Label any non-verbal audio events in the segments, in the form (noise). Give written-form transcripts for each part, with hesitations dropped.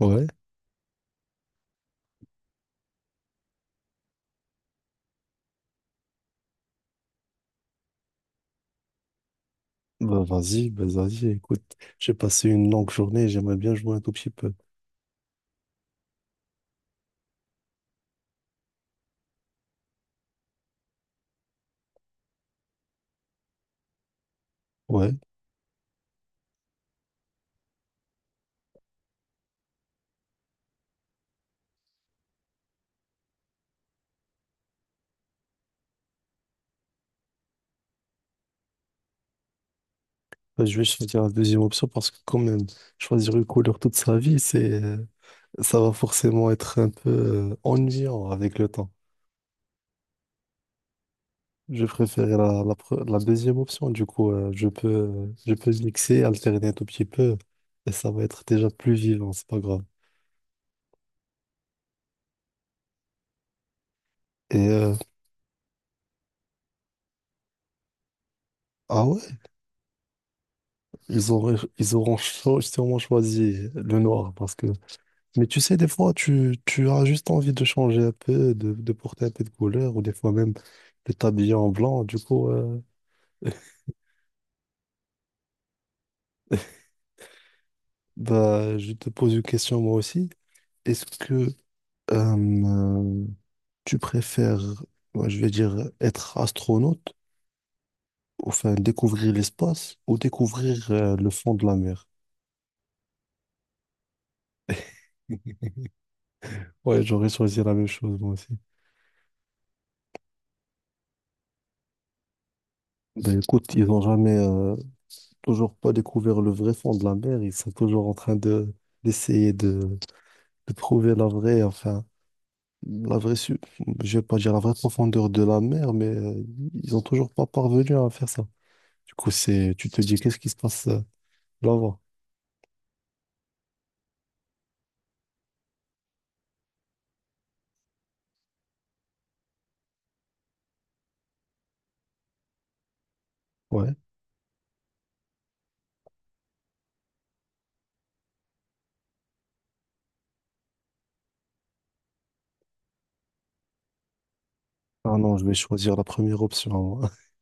Ouais, bah vas-y, écoute, j'ai passé une longue journée, j'aimerais bien jouer un tout petit peu. Ouais, bah, je vais choisir la deuxième option parce que quand même, choisir une couleur toute sa vie, ça va forcément être un peu ennuyant avec le temps. Je préfère la deuxième option, du coup, je peux mixer, alterner un tout petit peu, et ça va être déjà plus vivant, c'est pas grave. Et ah ouais, sûrement choisi le noir parce que mais tu sais, des fois, tu as juste envie de changer un peu, de porter un peu de couleur, ou des fois même de t'habiller en blanc. Du coup, (laughs) bah, je te pose une question moi aussi. Est-ce que euh, tu préfères, ouais, je vais dire, être astronaute, ou, enfin découvrir l'espace, ou découvrir le fond de la mer? (laughs) Ouais, j'aurais choisi la même chose moi aussi. Ben écoute, ils n'ont jamais, toujours pas découvert le vrai fond de la mer. Ils sont toujours en train de d'essayer de, de trouver la vraie, enfin, la vraie, su- je vais pas dire la vraie profondeur de la mer, mais ils ont toujours pas parvenu à faire ça. Du coup, c'est, tu te dis, qu'est-ce qui se passe là-bas? Ouais. Ah non, je vais choisir la première option. Moi. (laughs)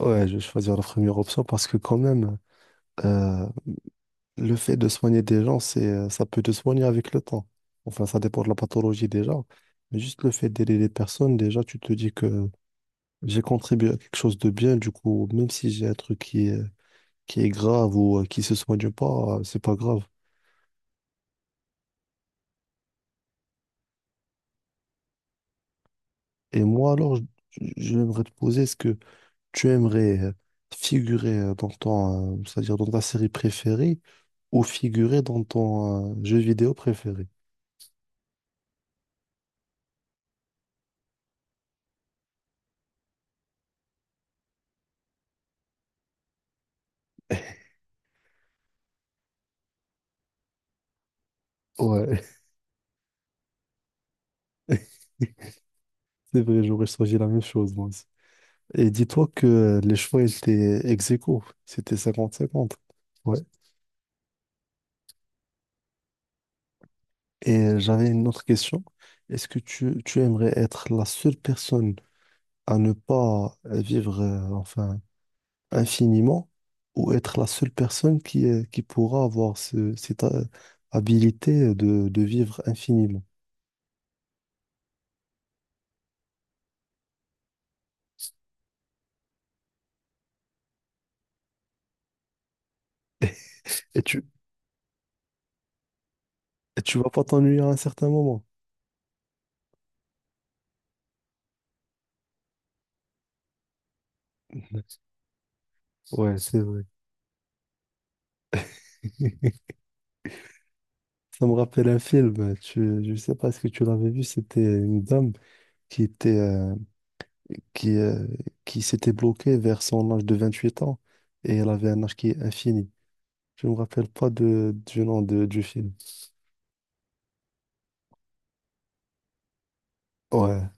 Ouais, je vais choisir la première option parce que quand même, euh, le fait de soigner des gens, ça peut te soigner avec le temps. Enfin, ça dépend de la pathologie déjà. Mais juste le fait d'aider les personnes, déjà, tu te dis que j'ai contribué à quelque chose de bien. Du coup, même si j'ai un truc qui est grave ou qui se soigne pas, c'est pas grave. Et moi, alors, j'aimerais te poser, est-ce que tu aimerais figurer c'est-à-dire dans ta série préférée ou figurer dans ton jeu vidéo préféré? Ouais, (laughs) c'est vrai, j'aurais choisi la même chose, moi aussi. Et dis-toi que les choix étaient ex aequo, c'était 50-50. Ouais. Et j'avais une autre question. Est-ce que tu aimerais être la seule personne à ne pas vivre, infiniment ou être la seule personne qui pourra avoir cette habilité de vivre infiniment. Et tu vas pas t'ennuyer à un certain moment. (laughs) Ouais, c'est vrai. (laughs) Ça me rappelle un film, tu, je sais pas est-ce que tu l'avais vu, c'était une dame qui était, euh, qui, euh, qui s'était bloquée vers son âge de 28 ans et elle avait un âge qui est infini. Je me rappelle pas du nom de, du film. Ouais.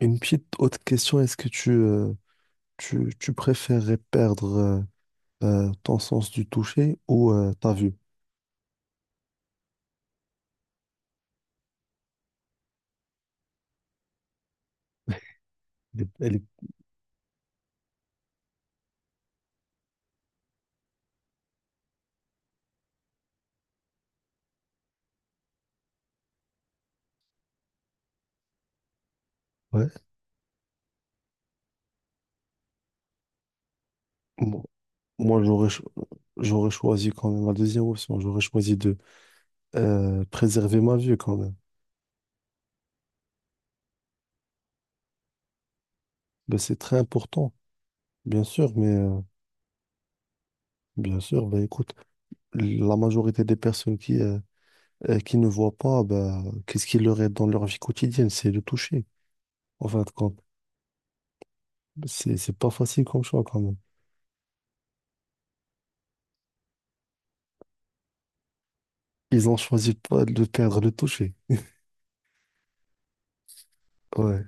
Une petite autre question, est-ce que tu préférerais perdre ton sens du toucher ou ta vue? Elle est- Ouais. Bon, moi, j'aurais choisi quand même la deuxième option. J'aurais choisi de préserver ma vue quand même. Ben, c'est très important, bien sûr, mais bien sûr, ben, écoute, la majorité des personnes qui ne voient pas, ben, qu'est-ce qui leur est dans leur vie quotidienne? C'est le toucher, en fin de compte. C'est pas facile comme choix quand même. Ils ont choisi pas de perdre le toucher. Ouais.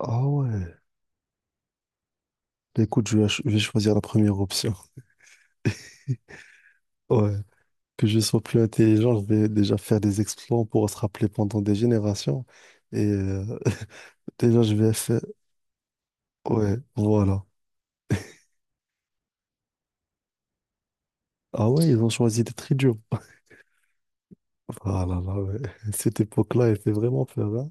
Ah ouais. Bah, écoute, je vais choisir la première option. Ouais. (laughs) Que je sois plus intelligent, je vais déjà faire des exploits pour se rappeler pendant des générations. Et (laughs) déjà, je vais faire... Ouais, voilà. Ah ouais, ils ont choisi d'être idiots. (laughs) Ah là là, ouais. (laughs) Cette époque-là, elle fait vraiment peur, hein.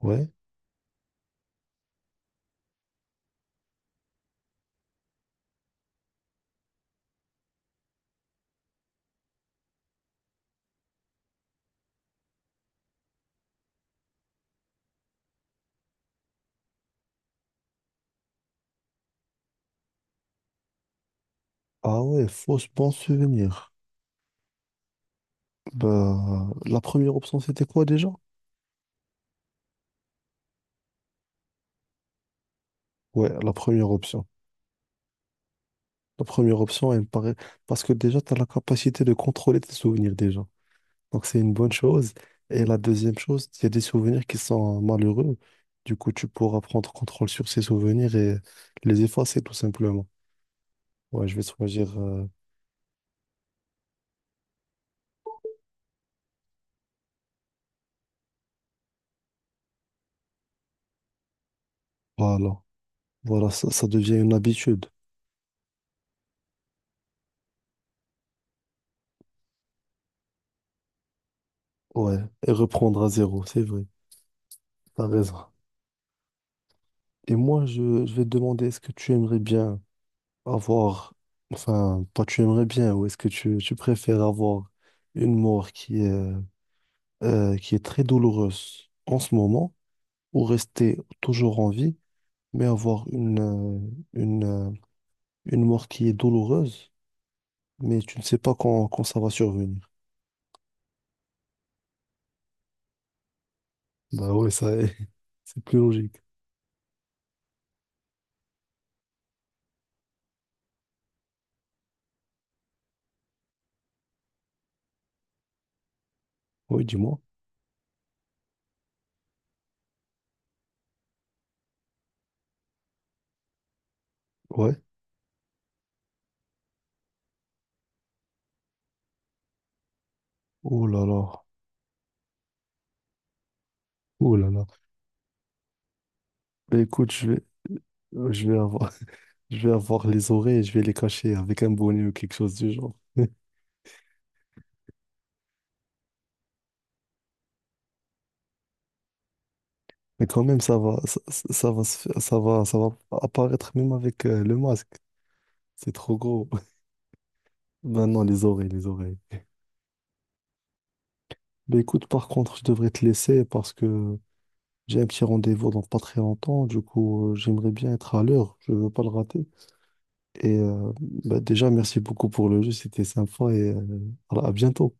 Ouais. Ah ouais, fausse bon souvenir. Bah, la première option, c'était quoi déjà? Ouais, la première option. La première option, elle me paraît... Parce que déjà, tu as la capacité de contrôler tes souvenirs déjà. Donc c'est une bonne chose. Et la deuxième chose, il y a des souvenirs qui sont malheureux. Du coup, tu pourras prendre contrôle sur ces souvenirs et les effacer tout simplement. Ouais, je vais choisir. Voilà. Voilà, ça devient une habitude. Ouais. Et reprendre à zéro, c'est vrai. T'as raison. Et moi, je vais te demander, est-ce que tu aimerais bien avoir. Enfin, pas tu aimerais bien, ou est-ce que tu préfères avoir une mort qui est très douloureuse en ce moment, ou rester toujours en vie? Mais avoir une, euh, une mort qui est douloureuse, mais tu ne sais pas quand ça va survenir. Bah ouais, ça, (laughs) c'est plus logique. Oui, dis-moi. Ouais. Oh là là. Oh là là. Bah écoute, je vais avoir, (laughs) je vais avoir les oreilles et je vais les cacher avec un bonnet ou quelque chose du genre. (laughs) Mais quand même, ça va, ça- ça va, se faire- ça va apparaître même avec le masque. C'est trop gros. (laughs) Ben non, les oreilles, les oreilles. Mais écoute, par contre, je devrais te laisser parce que j'ai un petit rendez-vous dans pas très longtemps, du coup, j'aimerais bien être à l'heure, je veux pas le rater. Et bah, déjà, merci beaucoup pour le jeu, c'était sympa et voilà, à bientôt.